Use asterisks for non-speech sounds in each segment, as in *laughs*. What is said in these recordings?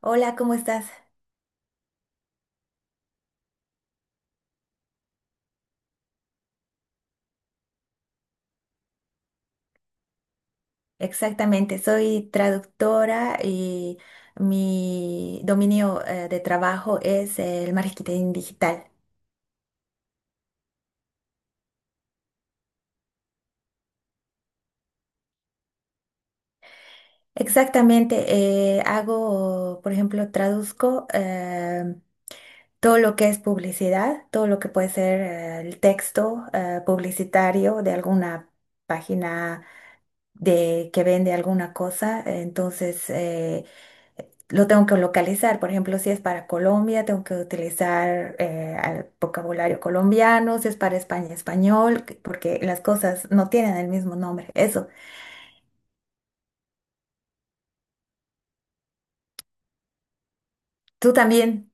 Hola, ¿cómo estás? Exactamente, soy traductora y mi dominio de trabajo es el marketing digital. Exactamente, hago, por ejemplo, traduzco todo lo que es publicidad, todo lo que puede ser el texto publicitario de alguna página de que vende alguna cosa. Entonces, lo tengo que localizar, por ejemplo, si es para Colombia, tengo que utilizar al vocabulario colombiano, si es para España, español, porque las cosas no tienen el mismo nombre. Eso, tú también,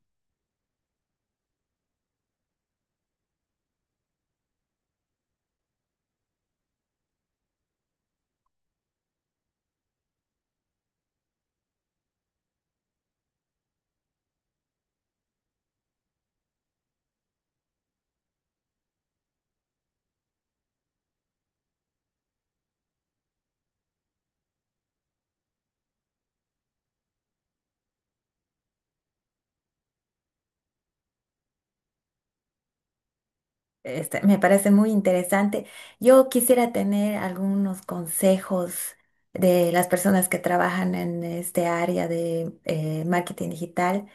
este, me parece muy interesante. Yo quisiera tener algunos consejos de las personas que trabajan en este área de marketing digital.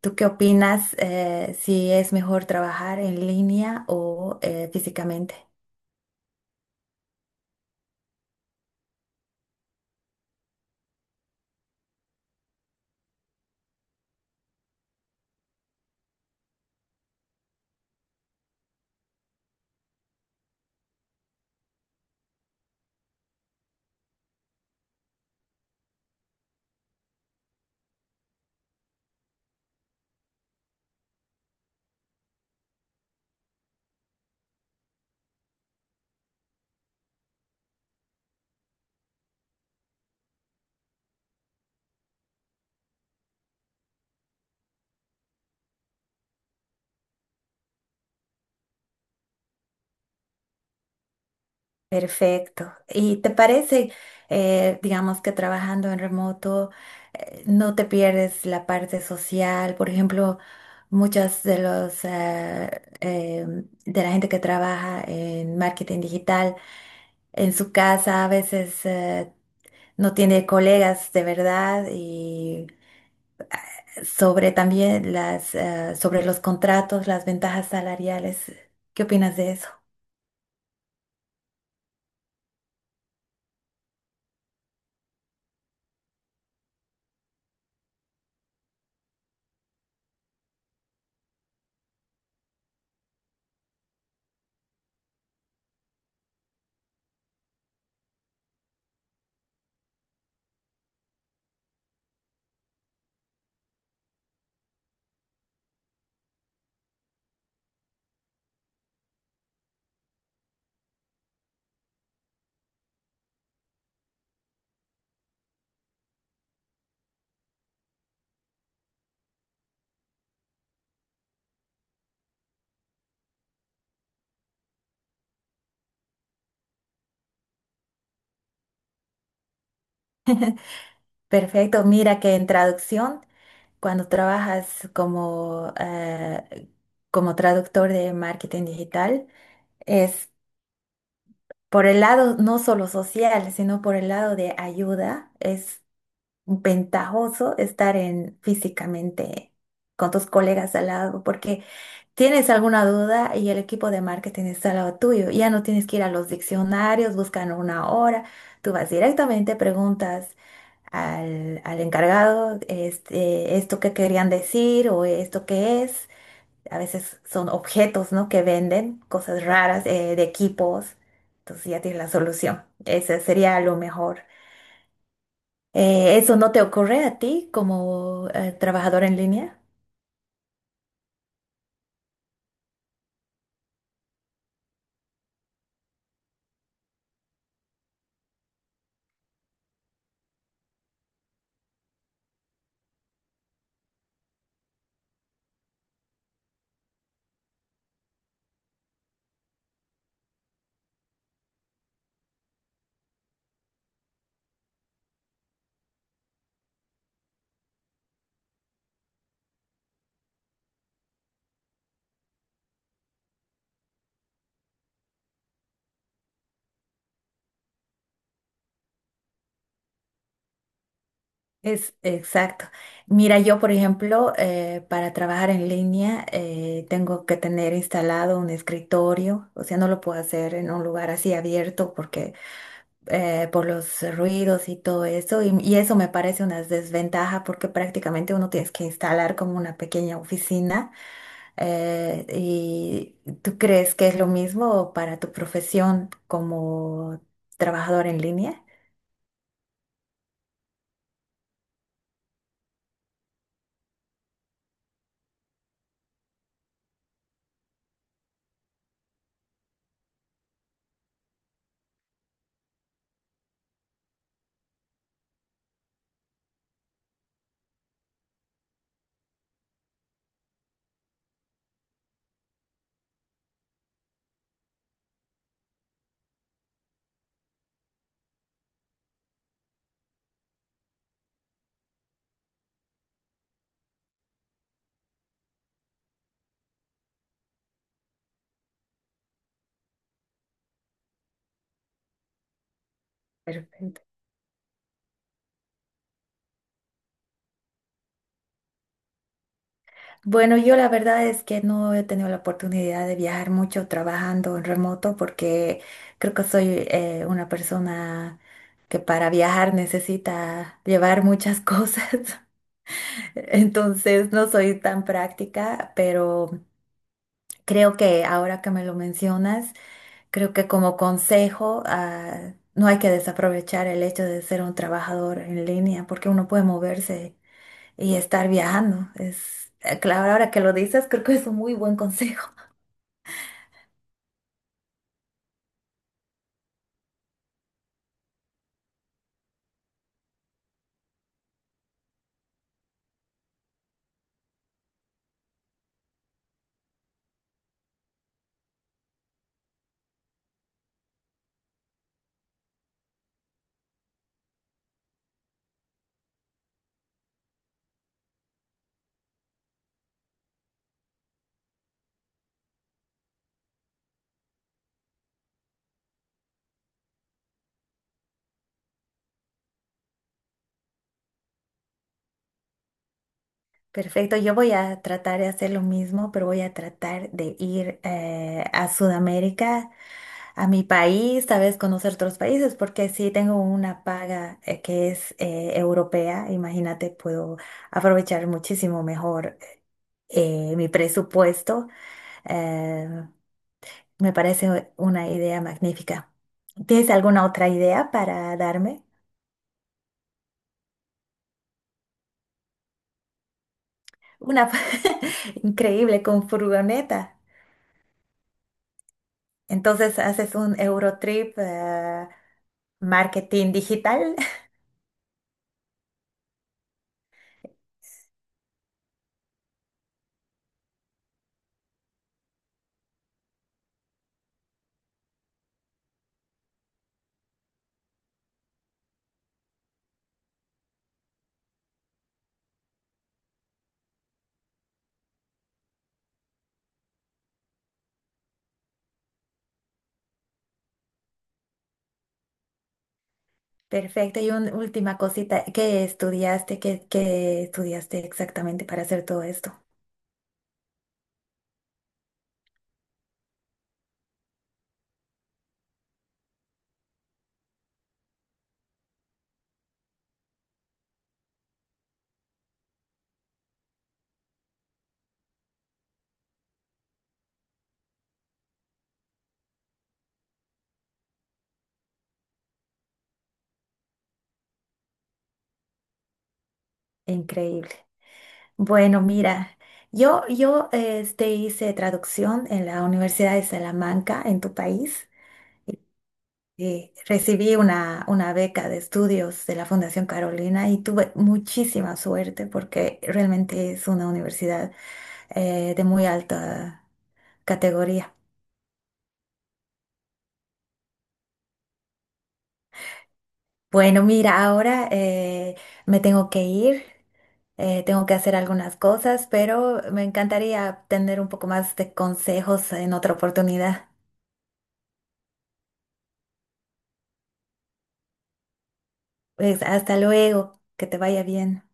¿Tú qué opinas, si es mejor trabajar en línea o físicamente? Perfecto. ¿Y te parece, digamos que trabajando en remoto, no te pierdes la parte social? Por ejemplo, muchas de los de la gente que trabaja en marketing digital en su casa a veces, no tiene colegas de verdad y sobre también las sobre los contratos, las ventajas salariales. ¿Qué opinas de eso? Perfecto. Mira que en traducción, cuando trabajas como, como traductor de marketing digital, es por el lado no solo social, sino por el lado de ayuda, es ventajoso estar en físicamente con tus colegas al lado, porque tienes alguna duda y el equipo de marketing está al lado tuyo. Ya no tienes que ir a los diccionarios, buscan una hora, tú vas directamente, preguntas al, al encargado este, esto que querían decir o esto que es. A veces son objetos, ¿no?, que venden, cosas raras, de equipos. Entonces ya tienes la solución. Ese sería lo mejor. ¿Eso no te ocurre a ti como, trabajador en línea? Es exacto. Mira, yo, por ejemplo, para trabajar en línea tengo que tener instalado un escritorio, o sea, no lo puedo hacer en un lugar así abierto porque por los ruidos y todo eso, y eso me parece una desventaja porque prácticamente uno tienes que instalar como una pequeña oficina. ¿Y tú crees que es lo mismo para tu profesión como trabajador en línea? Perfecto. Bueno, yo la verdad es que no he tenido la oportunidad de viajar mucho trabajando en remoto porque creo que soy, una persona que para viajar necesita llevar muchas cosas. *laughs* Entonces no soy tan práctica, pero creo que ahora que me lo mencionas, creo que como consejo, ah, no hay que desaprovechar el hecho de ser un trabajador en línea, porque uno puede moverse y estar viajando. Es, claro, ahora que lo dices, creo que es un muy buen consejo. *laughs* Perfecto, yo voy a tratar de hacer lo mismo, pero voy a tratar de ir a Sudamérica, a mi país, tal vez conocer otros países, porque sí tengo una paga que es europea, imagínate, puedo aprovechar muchísimo mejor mi presupuesto. eh, Me parece una idea magnífica. ¿Tienes alguna otra idea para darme? Una *laughs* increíble con furgoneta. Entonces haces un Eurotrip, marketing digital. Perfecto. Y una última cosita, ¿qué estudiaste? ¿¿Qué estudiaste exactamente para hacer todo esto? Increíble. Bueno, mira, yo este, hice traducción en la Universidad de Salamanca, en tu país. Y recibí una beca de estudios de la Fundación Carolina y tuve muchísima suerte porque realmente es una universidad de muy alta categoría. Bueno, mira, ahora, me tengo que ir, tengo que hacer algunas cosas, pero me encantaría tener un poco más de consejos en otra oportunidad. Pues hasta luego, que te vaya bien.